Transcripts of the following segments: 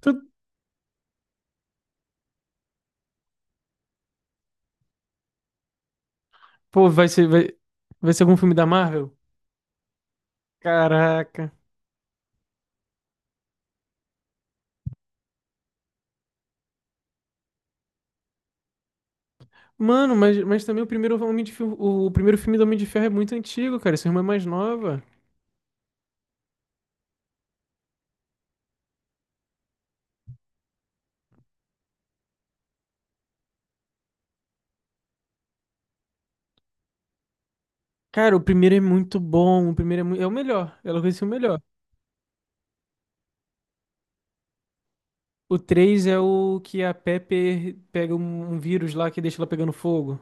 Tu- Pô, vai ser algum filme da Marvel? Caraca. Mano, mas também o primeiro Homem de Ferro, o primeiro filme do Homem de Ferro é muito antigo, cara. Essa irmã é mais nova. Cara, o primeiro é muito bom. O primeiro é, é o melhor. Ela vai ser o melhor. O 3 é o que a Pepper pega um vírus lá que deixa ela pegando fogo.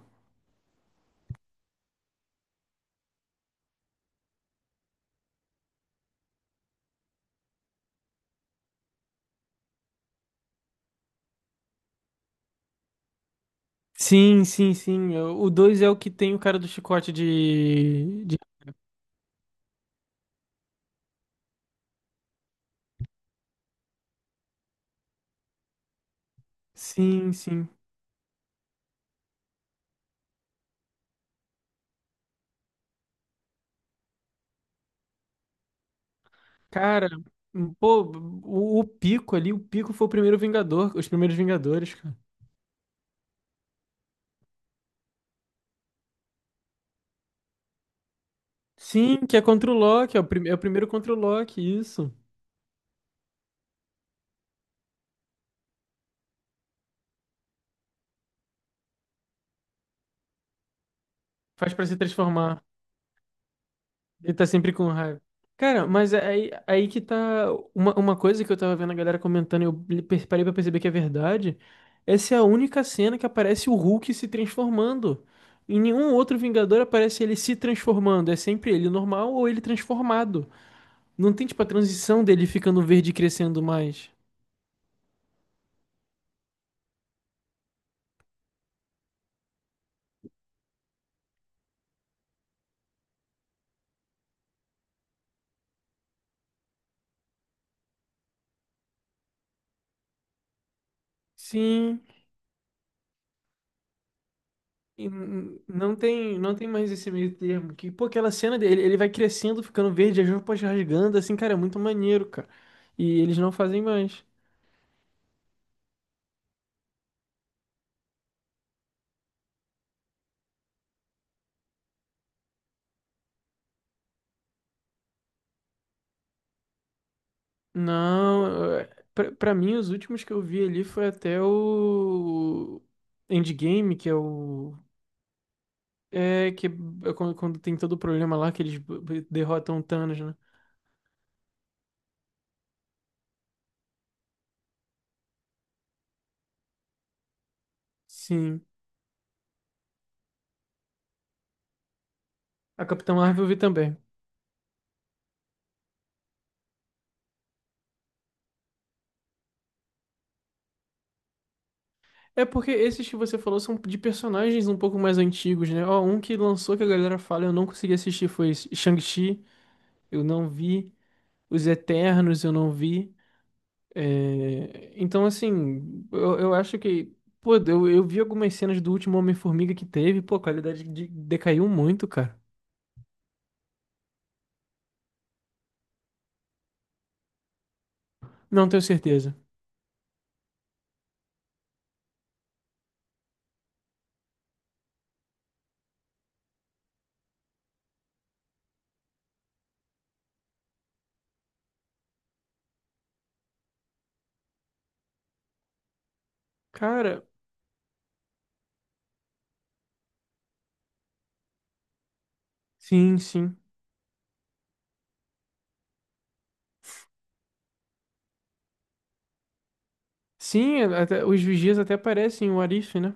Sim. O 2 é o que tem o cara do chicote de- Sim. Cara, pô, o Pico ali, o Pico foi o primeiro Vingador, os primeiros Vingadores, cara. Sim, que é contra o Loki, é é o primeiro contra o Loki, isso. Faz pra se transformar. Ele tá sempre com raiva. Cara, mas é aí que tá. Uma coisa que eu tava vendo a galera comentando e eu parei pra perceber que é verdade. Essa é a única cena que aparece o Hulk se transformando. Em nenhum outro Vingador aparece ele se transformando. É sempre ele normal ou ele transformado. Não tem, tipo, a transição dele ficando verde e crescendo mais. Sim. E não tem, não tem mais esse meio termo. Que, pô, aquela cena dele, ele vai crescendo, ficando verde, as roupas rasgando, assim, cara, é muito maneiro, cara. E eles não fazem mais. Não, é, pra mim, os últimos que eu vi ali foi até o Endgame, que é o. É, que é quando tem todo o problema lá, que eles derrotam o Thanos, né? Sim. A Capitã Marvel eu vi também. É porque esses que você falou são de personagens um pouco mais antigos, né? Ó, um que lançou que a galera fala, eu não consegui assistir, foi esse Shang-Chi, eu não vi. Os Eternos, eu não vi. É, então, assim, eu acho que. Pô, eu vi algumas cenas do último Homem-Formiga que teve, pô, a qualidade decaiu muito, cara. Não tenho certeza. Cara, sim. Sim, os vigias até parecem o Arif, né?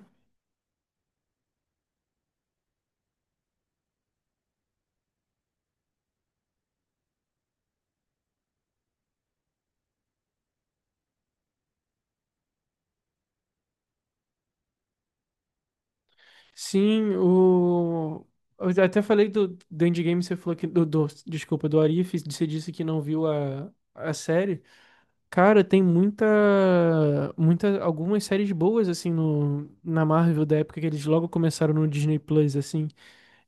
Sim, o. Eu até falei do Endgame, você falou que. Desculpa, do Arif, você disse que não viu a série. Cara, tem muita, muita. Algumas séries boas, assim, no, na Marvel da época que eles logo começaram no Disney Plus, assim.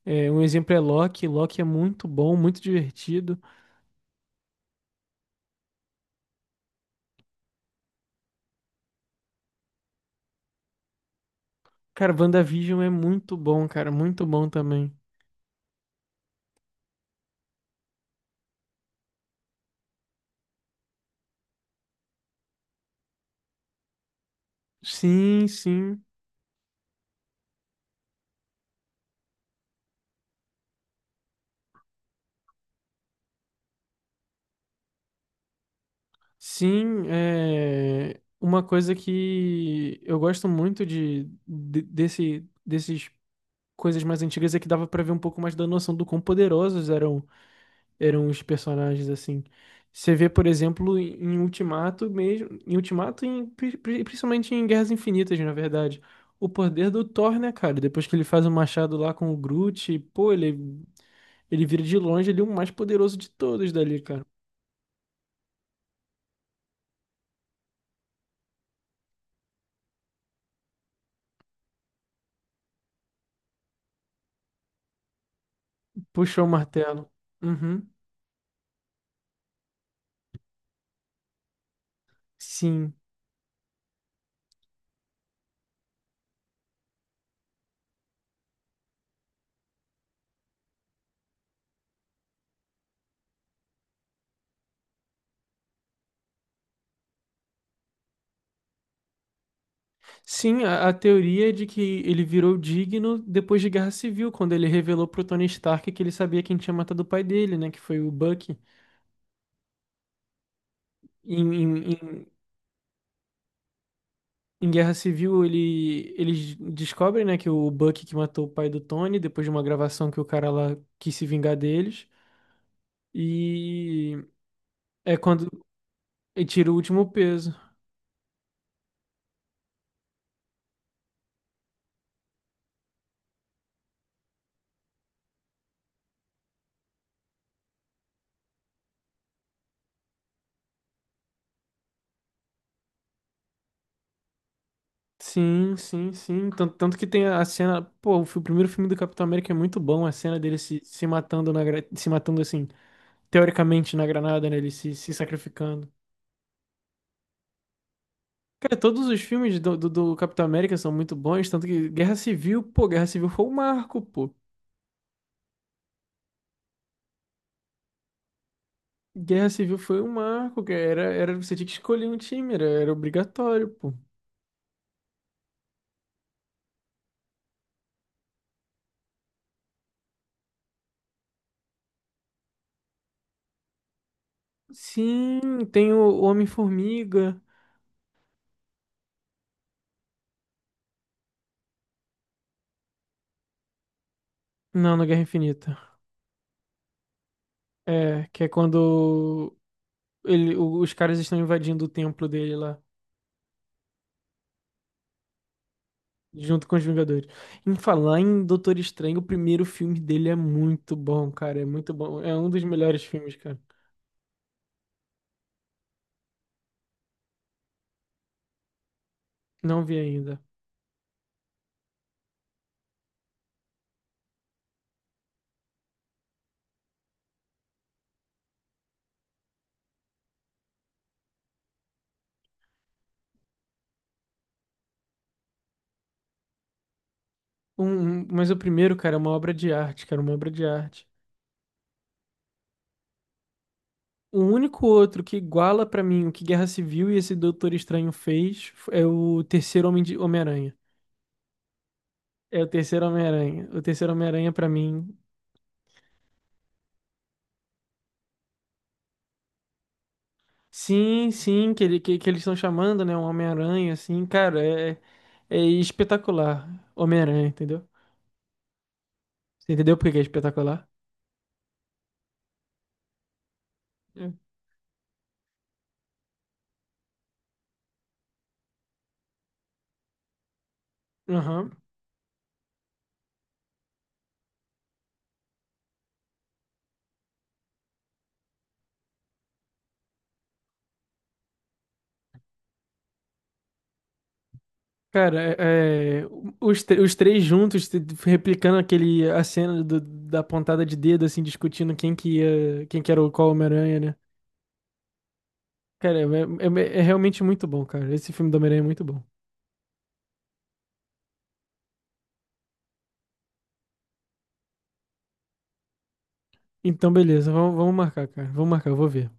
É, um exemplo é Loki. Loki é muito bom, muito divertido. Cara, WandaVision é muito bom, cara, muito bom também. Sim. Sim, é uma coisa que eu gosto muito desse desses coisas mais antigas é que dava pra ver um pouco mais da noção do quão poderosos eram os personagens assim. Você vê, por exemplo, em Ultimato mesmo, em Ultimato e em, principalmente em Guerras Infinitas, na verdade, o poder do Thor, né, cara? Depois que ele faz o machado lá com o Groot, pô, ele vira de longe ele é o mais poderoso de todos dali, cara. Puxou o martelo. Uhum. Sim. Sim, a teoria é de que ele virou digno depois de Guerra Civil, quando ele revelou pro Tony Stark que ele sabia quem tinha matado o pai dele, né? Que foi o Bucky. Em, em, em, em Guerra Civil, eles descobrem, né, que o Bucky que matou o pai do Tony, depois de uma gravação que o cara lá quis se vingar deles. E é quando ele tira o último peso. Sim. Tanto, tanto que tem a cena. Pô, o o primeiro filme do Capitão América é muito bom, a cena dele se, se matando na, se matando assim. Teoricamente na granada, né? Ele se, se sacrificando. Cara, todos os filmes do Capitão América são muito bons, tanto que Guerra Civil, pô, Guerra Civil foi um marco, pô. Guerra Civil foi um marco, que você tinha que escolher um time, era obrigatório, pô. Sim, tem o Homem-Formiga. Não, na Guerra Infinita. É, que é quando os caras estão invadindo o templo dele lá. Junto com os Vingadores. Em falar em Doutor Estranho, o primeiro filme dele é muito bom, cara. É muito bom. É um dos melhores filmes, cara. Não vi ainda. Mas o primeiro, cara, é uma obra de arte, cara, uma obra de arte. O único outro que iguala pra mim o que Guerra Civil e esse Doutor Estranho fez é o terceiro Homem de Homem-Aranha. É o terceiro Homem-Aranha. O terceiro Homem-Aranha pra mim. Sim, que eles estão chamando, né? Um Homem-Aranha, assim, cara, é espetacular. Homem-Aranha, entendeu? Você entendeu por que que é espetacular? Hum. Aham. Cara, os, os três juntos replicando aquele a cena da pontada de dedo, assim, discutindo quem que ia, quem que era o qual Homem-Aranha, né? Cara, é realmente muito bom, cara. Esse filme do Homem-Aranha é muito bom. Então, beleza, vamos marcar, cara. Vamos marcar, eu vou ver.